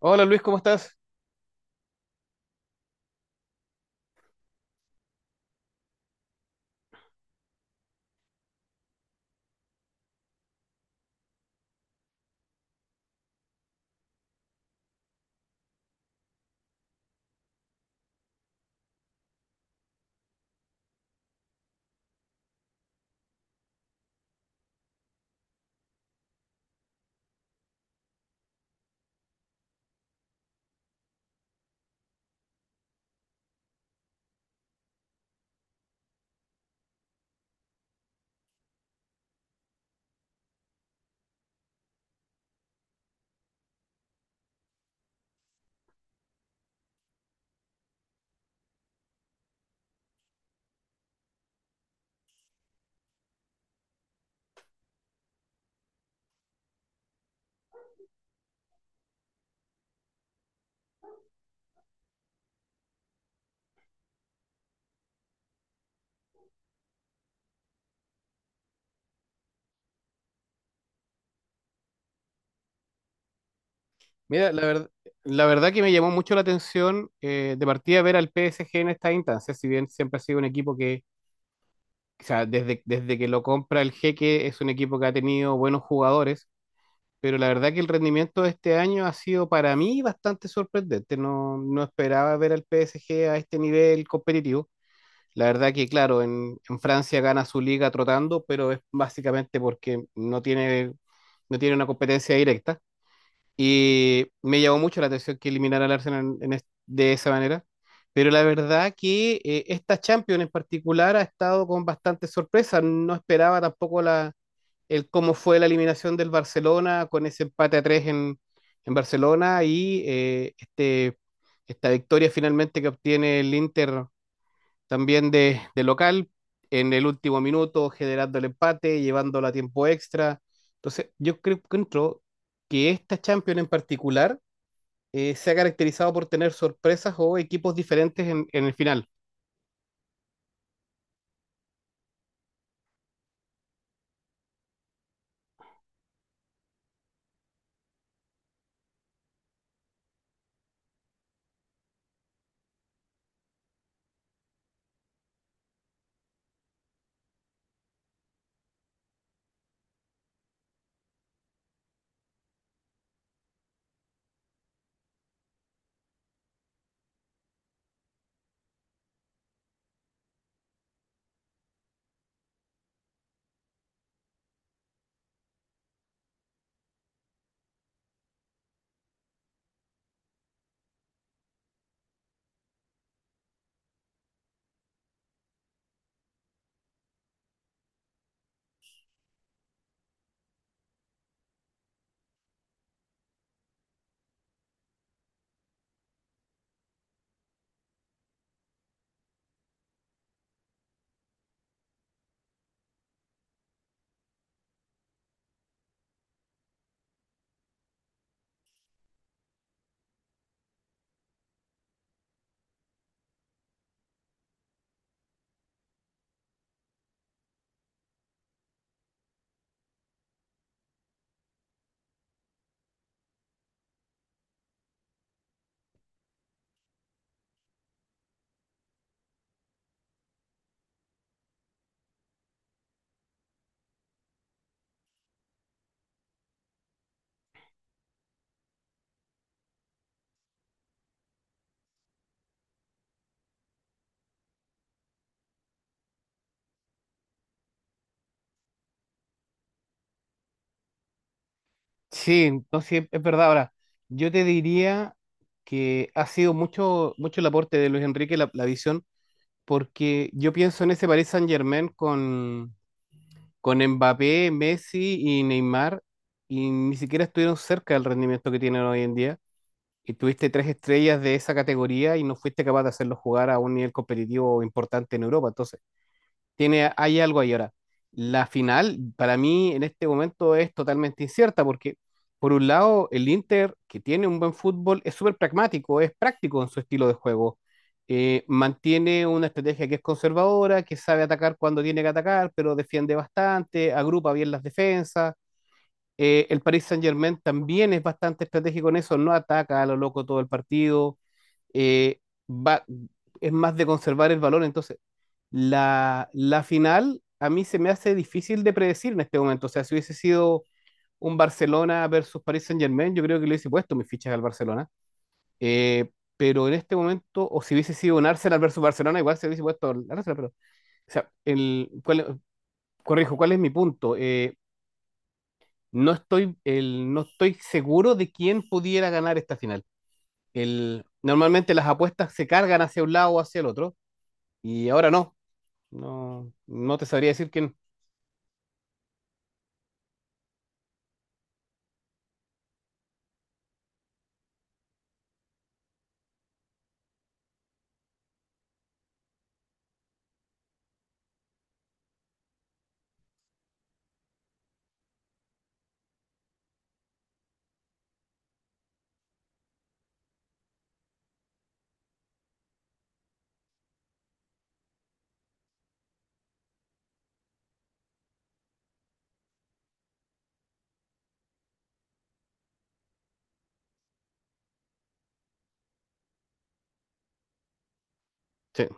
Hola Luis, ¿cómo estás? Mira, la verdad que me llamó mucho la atención de partida ver al PSG en esta instancia, si bien siempre ha sido un equipo que, o sea, desde que lo compra el Jeque es un equipo que ha tenido buenos jugadores, pero la verdad que el rendimiento de este año ha sido para mí bastante sorprendente. No, no esperaba ver al PSG a este nivel competitivo. La verdad que, claro, en Francia gana su liga trotando, pero es básicamente porque no tiene una competencia directa. Y me llamó mucho la atención que eliminara al Arsenal de esa manera. Pero la verdad que esta Champions en particular ha estado con bastante sorpresa. No esperaba tampoco el cómo fue la eliminación del Barcelona con ese empate a tres en Barcelona y esta victoria finalmente que obtiene el Inter también de local, en el último minuto generando el empate, llevándolo a tiempo extra. Entonces, yo creo que entró que esta Champions en particular se ha caracterizado por tener sorpresas o equipos diferentes en el final. Sí, no, sí, es verdad. Ahora, yo te diría que ha sido mucho el aporte de Luis Enrique la visión, porque yo pienso en ese Paris Saint-Germain con Mbappé, Messi y Neymar, y ni siquiera estuvieron cerca del rendimiento que tienen hoy en día. Y tuviste tres estrellas de esa categoría y no fuiste capaz de hacerlos jugar a un nivel competitivo importante en Europa. Entonces, tiene, hay algo ahí ahora. La final, para mí, en este momento es totalmente incierta porque, por un lado, el Inter, que tiene un buen fútbol, es súper pragmático, es práctico en su estilo de juego. Mantiene una estrategia que es conservadora, que sabe atacar cuando tiene que atacar, pero defiende bastante, agrupa bien las defensas, el Paris Saint-Germain también es bastante estratégico en eso, no ataca a lo loco todo el partido, eh, va, es más de conservar el valor. Entonces, la final a mí se me hace difícil de predecir en este momento. O sea, si hubiese sido un Barcelona versus Paris Saint-Germain, yo creo que le hubiese puesto mis fichas al Barcelona. Eh, pero en este momento, o si hubiese sido un Arsenal versus Barcelona, igual se hubiese puesto al Arsenal. Pero, o sea, ¿cuál es mi punto? No estoy, no estoy seguro de quién pudiera ganar esta final. El, normalmente las apuestas se cargan hacia un lado o hacia el otro, y ahora no. No, no te sabría decir quién. Sí.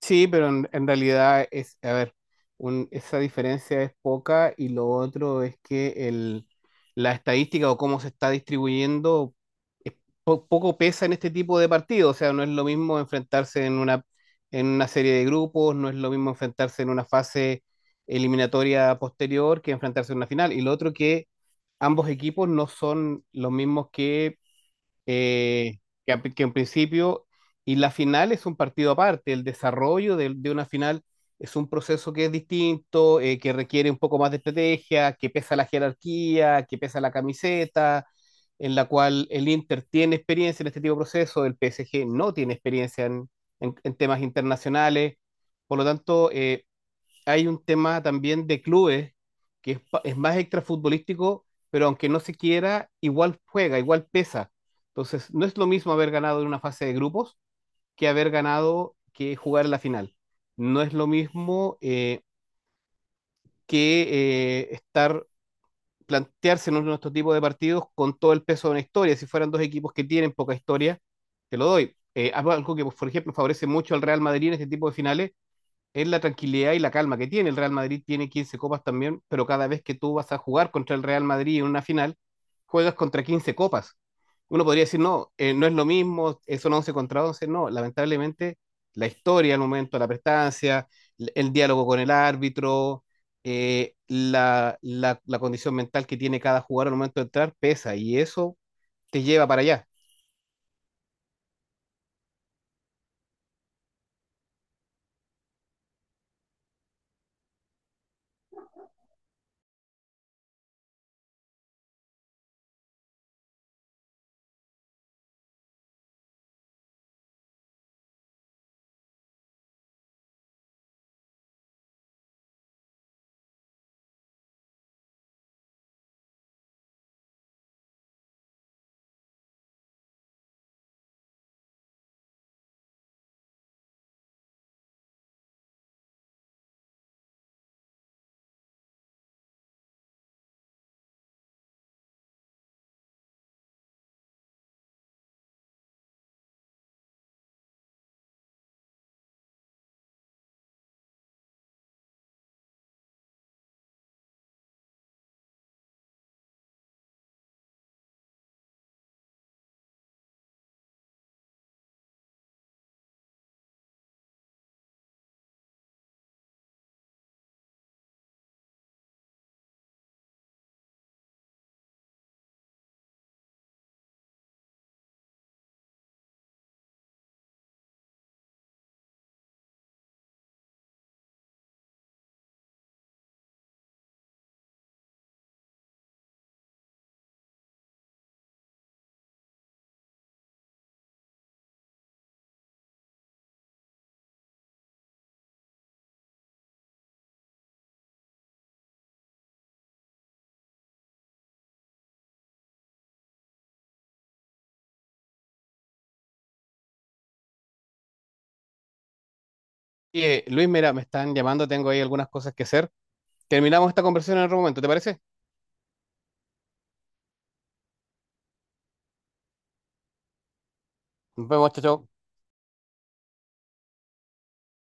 Sí, pero en realidad es, a ver, un- esa diferencia es poca y lo otro es que la estadística o cómo se está distribuyendo es po- poco pesa en este tipo de partidos, o sea, no es lo mismo enfrentarse en una serie de grupos, no es lo mismo enfrentarse en una fase eliminatoria posterior que enfrentarse en una final. Y lo otro que ambos equipos no son los mismos que eh, que en principio, y la final es un partido aparte, el desarrollo de una final es un proceso que es distinto, que requiere un poco más de estrategia, que pesa la jerarquía, que pesa la camiseta, en la cual el Inter tiene experiencia en este tipo de proceso el PSG no tiene experiencia en temas internacionales, por lo tanto, hay un tema también de clubes que es, pa- es más extrafutbolístico, pero aunque no se quiera, igual juega, igual pesa. Entonces, no es lo mismo haber ganado en una fase de grupos que haber ganado que jugar en la final. No es lo mismo que estar, plantearse en nuestro tipo de partidos con todo el peso de una historia. Si fueran dos equipos que tienen poca historia, te lo doy. Algo que, por ejemplo, favorece mucho al Real Madrid en este tipo de finales es la tranquilidad y la calma que tiene. El Real Madrid tiene 15 copas también, pero cada vez que tú vas a jugar contra el Real Madrid en una final, juegas contra 15 copas. Uno podría decir, no, no es lo mismo, son 11 contra 11. No, lamentablemente, la historia, el momento, la prestancia, el diálogo con el árbitro, la condición mental que tiene cada jugador al momento de entrar pesa y eso te lleva para allá. Oye, Luis, mira, me están llamando, tengo ahí algunas cosas que hacer. Terminamos esta conversación en otro momento, ¿te parece? Nos vemos, chao, chao.